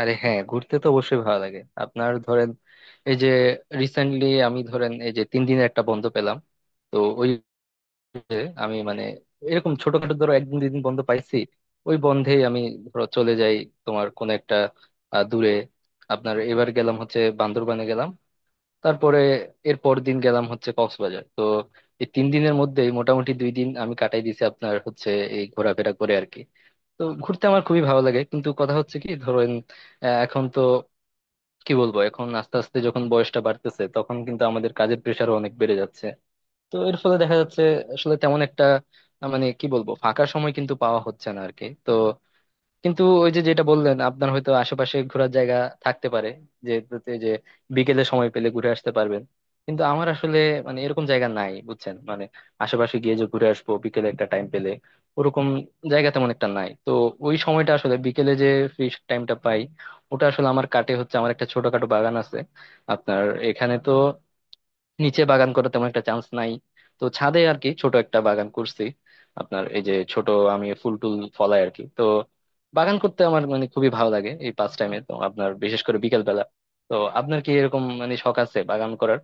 আরে, হ্যাঁ, ঘুরতে তো অবশ্যই ভালো লাগে। আপনার ধরেন এই যে রিসেন্টলি আমি ধরেন এই যে 3 দিনের একটা বন্ধ পেলাম। তো ওই যে আমি মানে এরকম ছোটখাটো ধরো একদিন দুই দিন বন্ধ পাইছি, ওই বন্ধেই আমি ধরো চলে যাই তোমার কোন একটা দূরে। আপনার এবার গেলাম হচ্ছে বান্দরবানে গেলাম, তারপরে এর পর দিন গেলাম হচ্ছে কক্সবাজার। তো এই 3 দিনের মধ্যেই মোটামুটি 2 দিন আমি কাটাই দিয়েছি আপনার হচ্ছে এই ঘোরাফেরা করে আর কি। তো ঘুরতে আমার খুবই ভালো লাগে, কিন্তু কথা হচ্ছে কি ধরেন, এখন তো কি বলবো, এখন আস্তে আস্তে যখন বয়সটা বাড়তেছে তখন কিন্তু আমাদের কাজের প্রেশারও অনেক বেড়ে যাচ্ছে। তো এর ফলে দেখা যাচ্ছে আসলে তেমন একটা মানে কি বলবো, ফাঁকা সময় কিন্তু পাওয়া হচ্ছে না আরকি। তো কিন্তু ওই যে যেটা বললেন, আপনার হয়তো আশেপাশে ঘোরার জায়গা থাকতে পারে, যে এই যে বিকেলে সময় পেলে ঘুরে আসতে পারবেন। কিন্তু আমার আসলে মানে এরকম জায়গা নাই, বুঝছেন? মানে আশেপাশে গিয়ে যে ঘুরে আসবো বিকেলে একটা টাইম পেলে, ওরকম জায়গা তেমন একটা নাই। তো ওই সময়টা আসলে বিকেলে যে ফ্রি টাইমটা পাই, ওটা আসলে আমার কাটে হচ্ছে, আমার একটা ছোটখাটো বাগান আছে আপনার। এখানে তো নিচে বাগান করার তেমন একটা চান্স নাই, তো ছাদে আর কি ছোট একটা বাগান করছি আপনার। এই যে ছোট আমি ফুল টুল ফলাই আর কি। তো বাগান করতে আমার মানে খুবই ভালো লাগে এই পাঁচ টাইমে তো আপনার, বিশেষ করে বিকেল বেলা। তো আপনার কি এরকম মানে শখ আছে বাগান করার?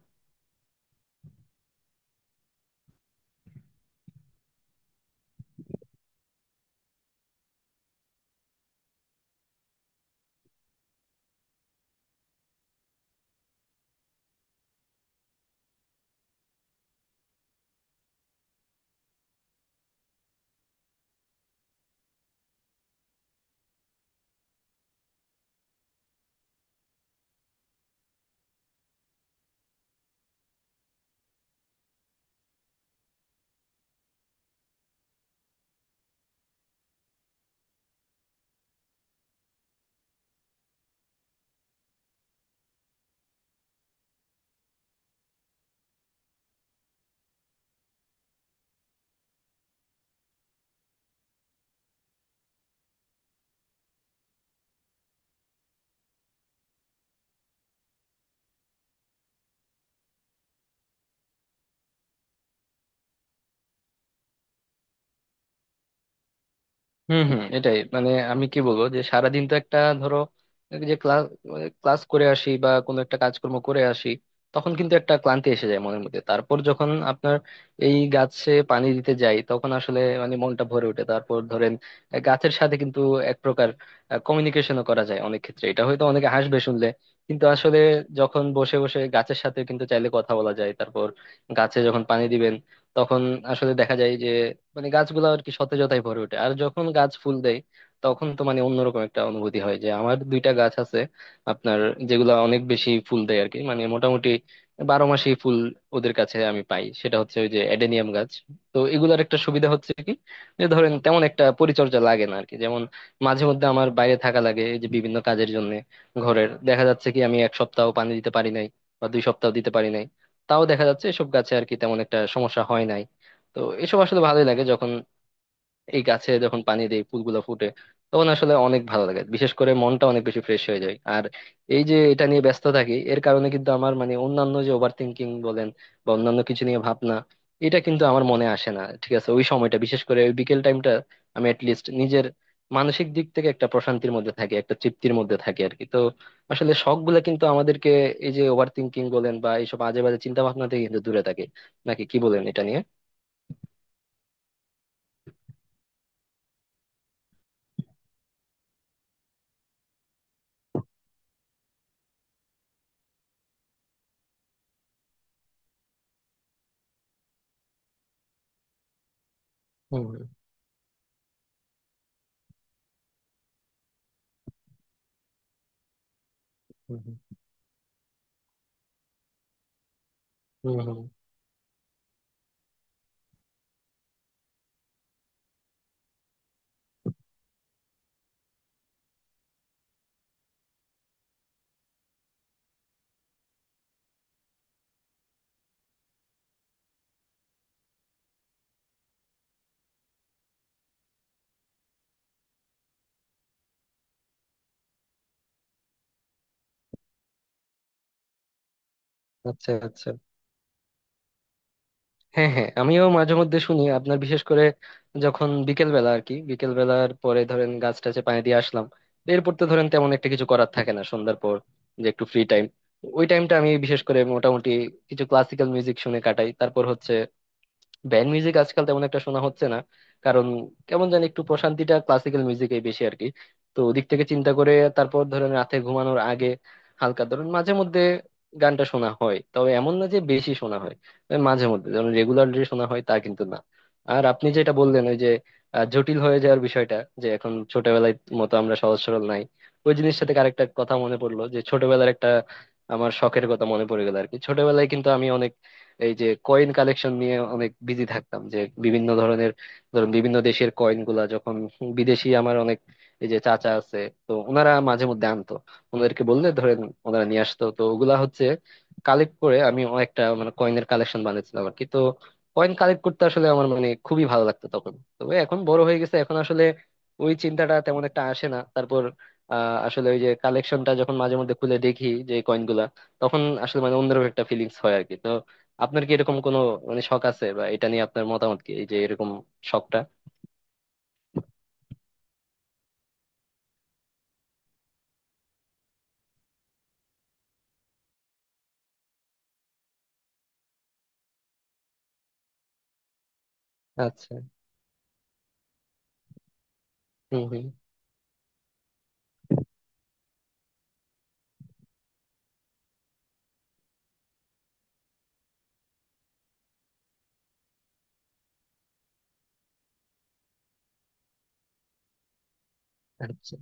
হুম, হুম, এটাই। মানে আমি কি বলবো, যে সারাদিন তো একটা ধরো এই যে ক্লাস ক্লাস করে আসি বা কোনো একটা কাজকর্ম করে আসি, তখন কিন্তু একটা ক্লান্তি এসে যায় মনের মধ্যে। তারপর যখন আপনার এই গাছে পানি দিতে যাই তখন আসলে মানে মনটা ভরে ওঠে। তারপর ধরেন গাছের সাথে কিন্তু এক প্রকার কমিউনিকেশনও করা যায় অনেক ক্ষেত্রে, এটা হয়তো অনেকে হাসবে শুনলে। কিন্তু আসলে যখন বসে বসে গাছের সাথে কিন্তু চাইলে কথা বলা যায়। তারপর গাছে যখন পানি দিবেন তখন আসলে দেখা যায় যে মানে গাছগুলো আর কি সতেজতায় ভরে ওঠে। আর যখন গাছ ফুল দেয় তখন তো মানে অন্যরকম একটা অনুভূতি হয়। যে আমার 2টা গাছ আছে আপনার, যেগুলা অনেক বেশি ফুল দেয় আর কি, মানে মোটামুটি 12 মাসই ফুল ওদের কাছে আমি পাই, সেটা হচ্ছে ওই যে এডেনিয়াম গাছ। তো এগুলার একটা সুবিধা হচ্ছে কি, যে ধরেন তেমন একটা পরিচর্যা লাগে না আর কি। যেমন মাঝে মধ্যে আমার বাইরে থাকা লাগে এই যে বিভিন্ন কাজের জন্য, ঘরের দেখা যাচ্ছে কি আমি 1 সপ্তাহ পানি দিতে পারি নাই বা 2 সপ্তাহ দিতে পারি নাই, তাও দেখা যাচ্ছে এসব গাছে আর কি তেমন একটা সমস্যা হয় নাই। তো এসব আসলে ভালোই লাগে যখন এই গাছে যখন পানি দেই ফুলগুলো ফুটে, তখন আসলে অনেক ভালো লাগে, বিশেষ করে মনটা অনেক বেশি ফ্রেশ হয়ে যায়। আর এই যে এটা নিয়ে ব্যস্ত থাকি এর কারণে কিন্তু আমার মানে অন্যান্য যে ওভার থিঙ্কিং বলেন বা অন্যান্য কিছু নিয়ে ভাবনা, এটা কিন্তু আমার মনে আসে না। ঠিক আছে ওই সময়টা বিশেষ করে ওই বিকেল টাইমটা আমি অ্যাটলিস্ট নিজের মানসিক দিক থেকে একটা প্রশান্তির মধ্যে থাকি, একটা তৃপ্তির মধ্যে থাকি আর কি। তো আসলে শখ গুলা কিন্তু আমাদেরকে এই যে ওভার থিঙ্কিং বলেন বা এইসব আজে বাজে চিন্তা ভাবনা থেকে কিন্তু দূরে থাকে, নাকি কি বলেন এটা নিয়ে? হুম, হুম, হুম, হুম, হুম। আচ্ছা, আচ্ছা। হ্যাঁ, হ্যাঁ, আমিও মাঝে মধ্যে শুনি আপনার, বিশেষ করে যখন বিকেল বেলা আর কি, বিকেল বেলার পরে ধরেন গাছ টাছে পানি দিয়ে আসলাম, এরপর তো ধরেন তেমন একটা কিছু করার থাকে না সন্ধ্যার পর, যে একটু ফ্রি টাইম। ওই টাইমটা আমি বিশেষ করে মোটামুটি কিছু ক্লাসিক্যাল মিউজিক শুনে কাটাই। তারপর হচ্ছে ব্যান্ড মিউজিক আজকাল তেমন একটা শোনা হচ্ছে না, কারণ কেমন জানি একটু প্রশান্তিটা ক্লাসিক্যাল মিউজিকেই বেশি আর কি। তো ওদিক থেকে চিন্তা করে তারপর ধরেন রাতে ঘুমানোর আগে হালকা ধরেন মাঝে মধ্যে গানটা শোনা হয়, তবে এমন না যে বেশি শোনা হয়। তবে মাঝে মধ্যে ধরেন রেগুলারলি শোনা হয় তা কিন্তু না। আর আপনি যেটা বললেন ওই যে জটিল হয়ে যাওয়ার বিষয়টা, যে এখন ছোটবেলায় মতো আমরা সহজ সরল নাই। ওই জিনিসটা থেকে আরেকটা কথা মনে পড়লো, যে ছোটবেলার একটা আমার শখের কথা মনে পড়ে গেল আর কি। ছোটবেলায় কিন্তু আমি এই যে কয়েন কালেকশন নিয়ে অনেক বিজি থাকতাম, যে বিভিন্ন ধরনের ধরুন বিভিন্ন দেশের কয়েন গুলা যখন বিদেশি আমার অনেক এই যে চাচা আছে, তো ওনারা মাঝে মধ্যে আনতো, ওনাদেরকে বললে ধরেন ওনারা নিয়ে আসতো। তো ওগুলা হচ্ছে কালেক্ট করে আমি একটা মানে কয়েনের কালেকশন বানিয়েছিলাম আর কি। তো কয়েন কালেক্ট করতে আসলে আমার মানে খুবই ভালো লাগতো তখন, তবে এখন বড় হয়ে গেছে, এখন আসলে ওই চিন্তাটা তেমন একটা আসে না। তারপর আহ আসলে ওই যে কালেকশনটা যখন মাঝে মধ্যে খুলে দেখি যে কয়েন গুলা, তখন আসলে মানে অন্যরকম একটা ফিলিংস হয় আর কি। তো আপনার কি এরকম কোনো মানে শখ আছে, বা এটা নিয়ে আপনার মতামত কি এই যে এরকম শখটা? আচ্ছা, হুম, হুম। আচ্ছা,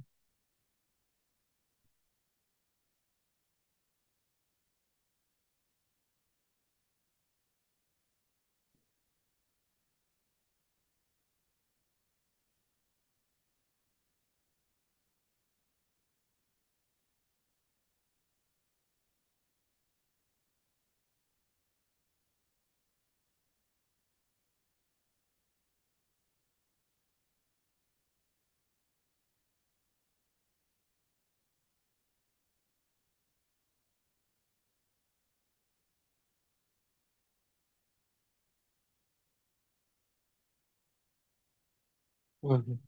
হুম, হুম,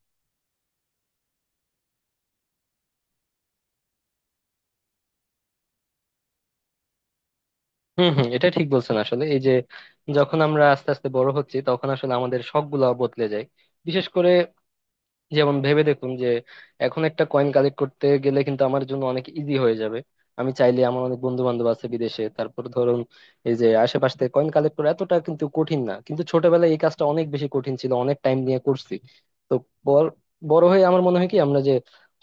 হুম, হুম। এটা ঠিক বলছেন আসলে। এই যে যখন আমরা আস্তে আস্তে বড় হচ্ছি তখন আসলে আমাদের শখ গুলা বদলে যায়, বিশেষ করে। যেমন ভেবে দেখুন, যে এখন একটা কয়েন কালেক্ট করতে গেলে কিন্তু আমার জন্য অনেক ইজি হয়ে যাবে। আমি চাইলে আমার অনেক বন্ধু বান্ধব আছে বিদেশে, তারপর ধরুন এই যে আশেপাশ থেকে কয়েন কালেক্ট করা এতটা কিন্তু কঠিন না, কিন্তু ছোটবেলায় এই কাজটা অনেক বেশি কঠিন ছিল, অনেক টাইম নিয়ে করছি। তো বড় বড় হয়ে আমার মনে হয় কি আমরা যে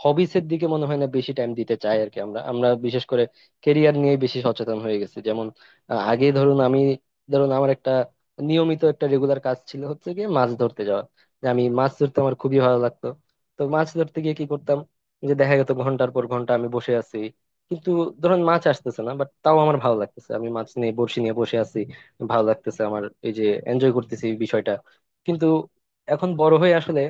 হবিস এর দিকে মনে হয় না বেশি টাইম দিতে চাই আর কি। আমরা আমরা বিশেষ করে কেরিয়ার নিয়ে বেশি সচেতন হয়ে গেছি। যেমন আগে ধরুন আমি ধরুন আমার একটা নিয়মিত একটা রেগুলার কাজ ছিল হচ্ছে গিয়ে মাছ ধরতে যাওয়া, যে আমি মাছ ধরতে আমার খুবই ভালো লাগতো। তো মাছ ধরতে গিয়ে কি করতাম, যে দেখা যেত ঘন্টার পর ঘন্টা আমি বসে আছি, কিন্তু ধরেন মাছ আসতেছে না বাট তাও আমার ভালো লাগতেছে, আমি মাছ নিয়ে বড়শি নিয়ে বসে আছি, ভালো লাগতেছে আমার এই যে এনজয় করতেছি এই বিষয়টা। কিন্তু এখন বড় হয়ে আসলে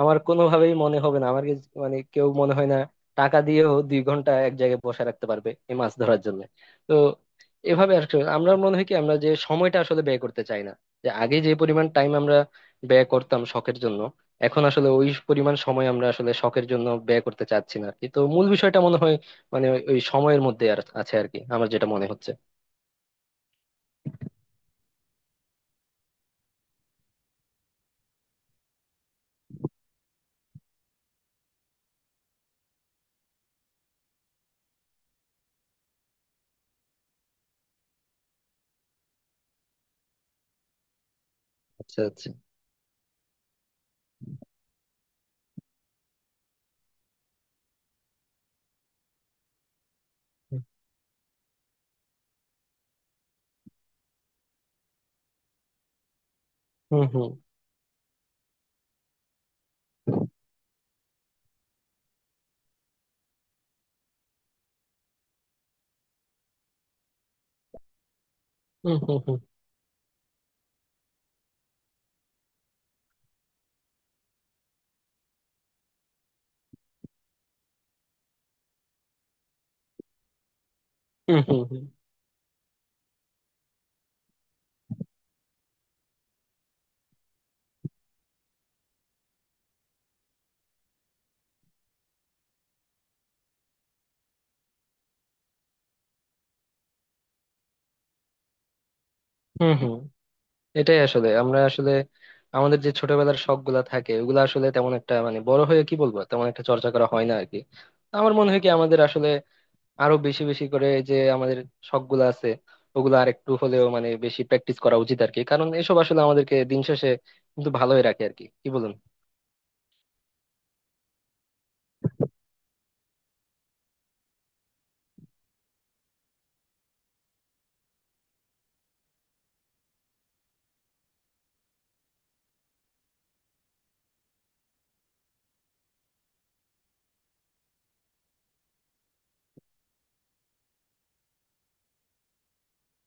আমার কোনোভাবেই মনে হবে না, আমার কাছে মানে কেউ মনে হয় না টাকা দিয়েও 2 ঘন্টা এক জায়গায় বসে রাখতে পারবে এই মাছ ধরার জন্য। তো এভাবে আর কি আমরা মনে হয় কি আমরা যে সময়টা আসলে ব্যয় করতে চাই না, যে আগে যে পরিমাণ টাইম আমরা ব্যয় করতাম শখের জন্য, এখন আসলে ওই পরিমাণ সময় আমরা আসলে শখের জন্য ব্যয় করতে চাচ্ছি না। কিন্তু মূল বিষয়টা মনে হয় মানে ওই ওই সময়ের মধ্যে আর আছে আর কি, আমার যেটা মনে হচ্ছে। আচ্ছা, আচ্ছা, হুম, হুম, হুম, হুম, হুম, হুম, হুম, হুম, হুম, হুম। এটাই আসলে, আমরা আসলে আমাদের যে ছোটবেলার শখ গুলা থাকে ওগুলা আসলে তেমন একটা মানে বড় হয়ে কি বলবো তেমন একটা চর্চা করা হয় না আর কি। আমার মনে হয় কি আমাদের আসলে আরো বেশি বেশি করে যে আমাদের শখ গুলো আছে ওগুলো আর একটু হলেও মানে বেশি প্র্যাকটিস করা উচিত আর কি, কারণ এসব আসলে আমাদেরকে দিন শেষে কিন্তু ভালোই রাখে আর কি, কি বলুন?